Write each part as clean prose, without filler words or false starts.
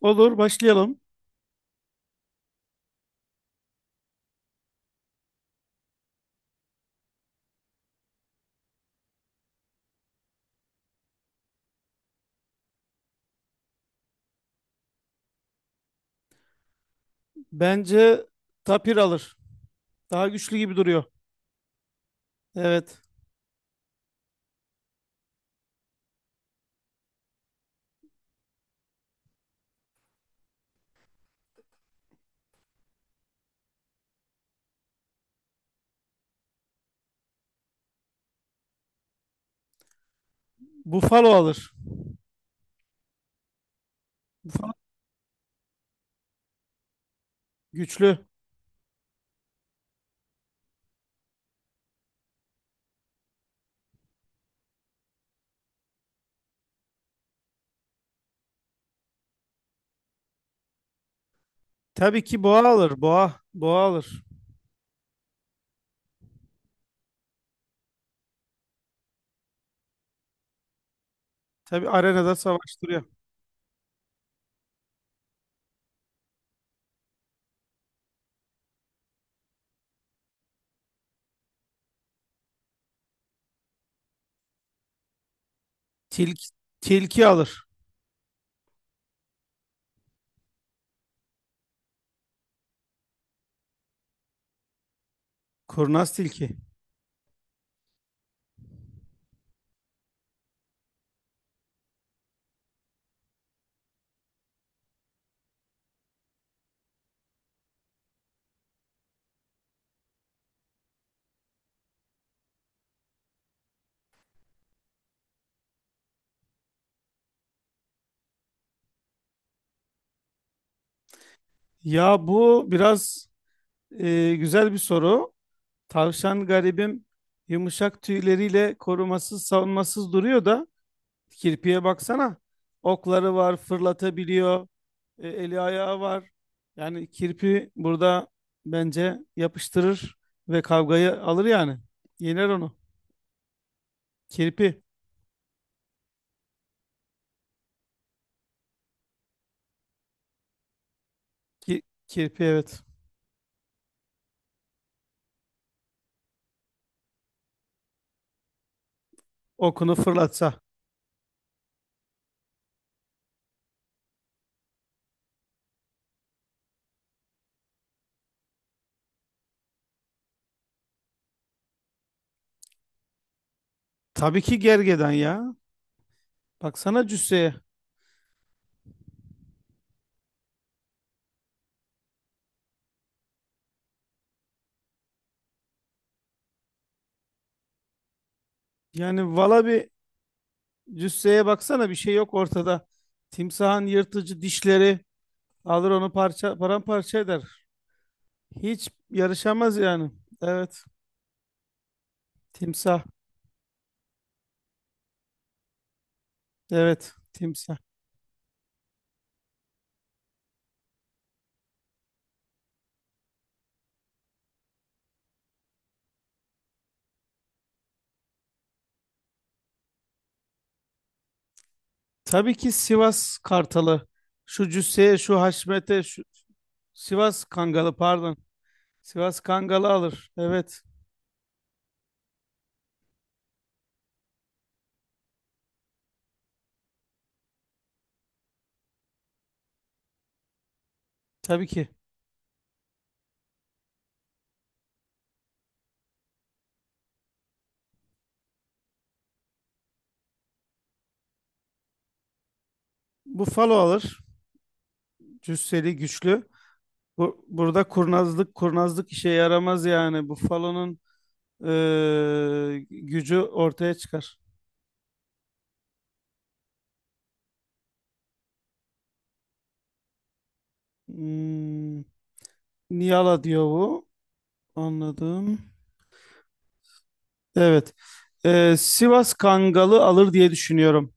Olur, başlayalım. Bence tapir alır. Daha güçlü gibi duruyor. Evet. Buffalo alır. Güçlü. Tabii ki boğa alır. Boğa. Boğa alır. Tabii arenada savaştırıyor. Tilki, tilki, alır. Kurnaz tilki. Ya bu biraz güzel bir soru. Tavşan garibim yumuşak tüyleriyle korumasız, savunmasız duruyor da kirpiye baksana. Okları var, fırlatabiliyor. Eli ayağı var. Yani kirpi burada bence yapıştırır ve kavgayı alır yani. Yener onu. Kirpi. Ki- Kirpi, evet. Okunu fırlatsa. Tabii ki gergedan ya. Baksana cüsseye. Yani valla bir cüsseye baksana, bir şey yok ortada. Timsahın yırtıcı dişleri alır onu, paramparça eder. Hiç yarışamaz yani. Evet. Timsah. Evet, timsah. Tabii ki Sivas Kartalı. Şu cüsseye, şu haşmete, şu Sivas Kangalı, pardon. Sivas Kangalı alır. Evet, tabii ki. Buffalo alır. Cüsseli, güçlü. Burada kurnazlık işe yaramaz yani. Buffalo'nun gücü ortaya çıkar. Hmm, niyala diyor bu. Anladım. Evet. Sivas Kangalı alır diye düşünüyorum.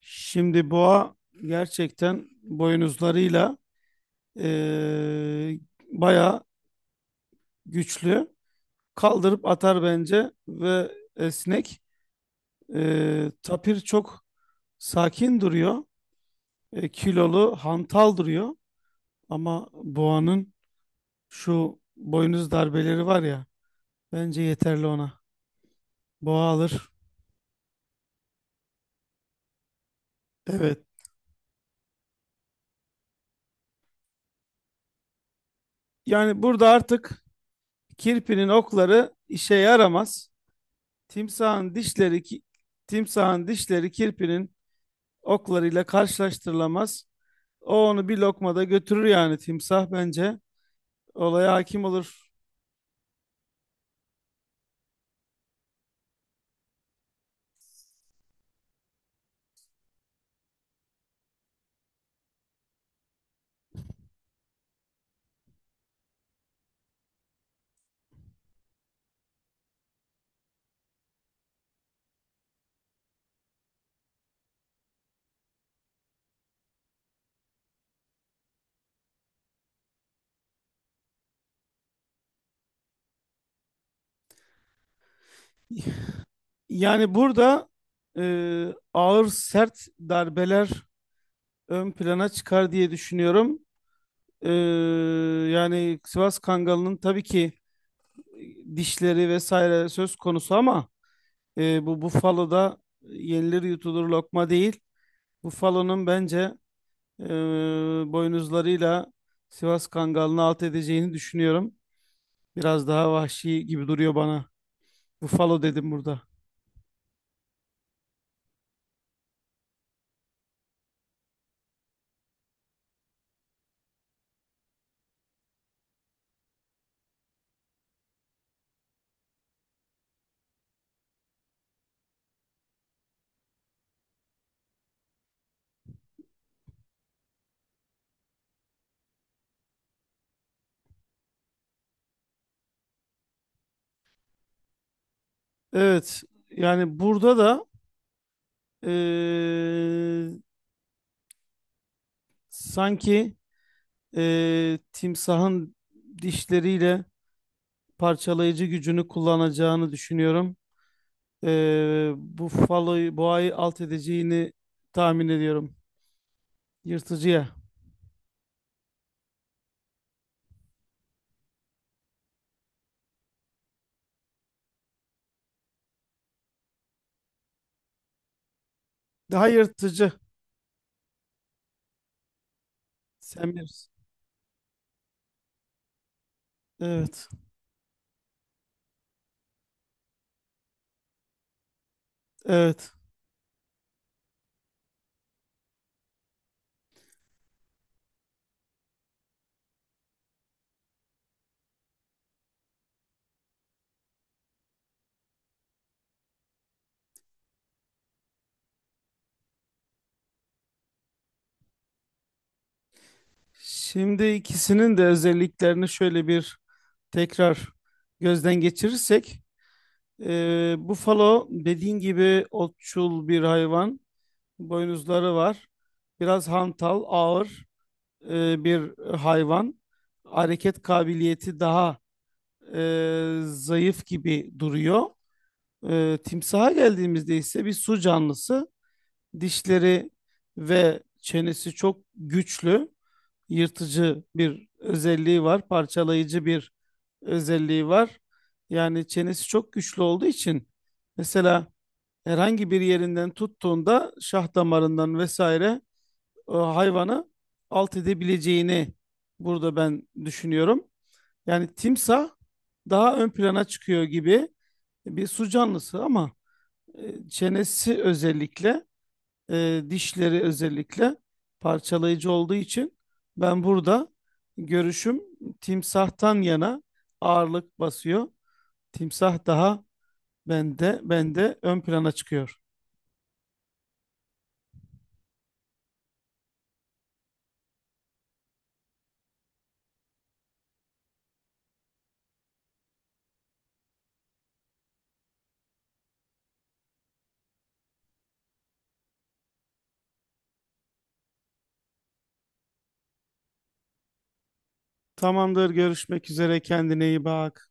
Şimdi boğa gerçekten boynuzlarıyla eee bayağı güçlü. Kaldırıp atar bence ve esnek. Tapir çok sakin duruyor. Kilolu, hantal duruyor. Ama boğanın şu boynuz darbeleri var ya, bence yeterli ona. Boğa alır. Evet. Yani burada artık kirpinin okları işe yaramaz. Timsahın dişleri ki, timsahın dişleri kirpinin oklarıyla karşılaştırılamaz. O onu bir lokmada götürür, yani timsah bence. Olaya hakim olur. Yani burada e, ağır sert darbeler ön plana çıkar diye düşünüyorum. E, Yani Sivas Kangalı'nın tabii ki dişleri vesaire söz konusu, ama bu Buffalo'da yenilir yutulur lokma değil. Buffalo'nun bence e, boynuzlarıyla Sivas Kangalı'nı alt edeceğini düşünüyorum. Biraz daha vahşi gibi duruyor bana. Buffalo dedim burada. Evet. Yani burada da eee, sanki timsahın dişleriyle parçalayıcı gücünü kullanacağını düşünüyorum. Buffalo'yu, boğayı alt edeceğini tahmin ediyorum. Yırtıcıya. Daha yırtıcı. Sen bilirsin. Evet. Evet. Şimdi ikisinin de özelliklerini şöyle bir tekrar gözden geçirirsek, bufalo dediğin gibi otçul bir hayvan, boynuzları var, biraz hantal, ağır bir hayvan, hareket kabiliyeti daha zayıf gibi duruyor. Timsaha geldiğimizde ise bir su canlısı. Dişleri ve çenesi çok güçlü, yırtıcı bir özelliği var, parçalayıcı bir özelliği var. Yani çenesi çok güçlü olduğu için, mesela herhangi bir yerinden tuttuğunda şah damarından vesaire hayvanı alt edebileceğini burada ben düşünüyorum. Yani timsah daha ön plana çıkıyor gibi, bir su canlısı ama çenesi özellikle, dişleri özellikle parçalayıcı olduğu için ben burada görüşüm timsahtan yana ağırlık basıyor. Timsah daha bende ön plana çıkıyor. Tamamdır, görüşmek üzere, kendine iyi bak.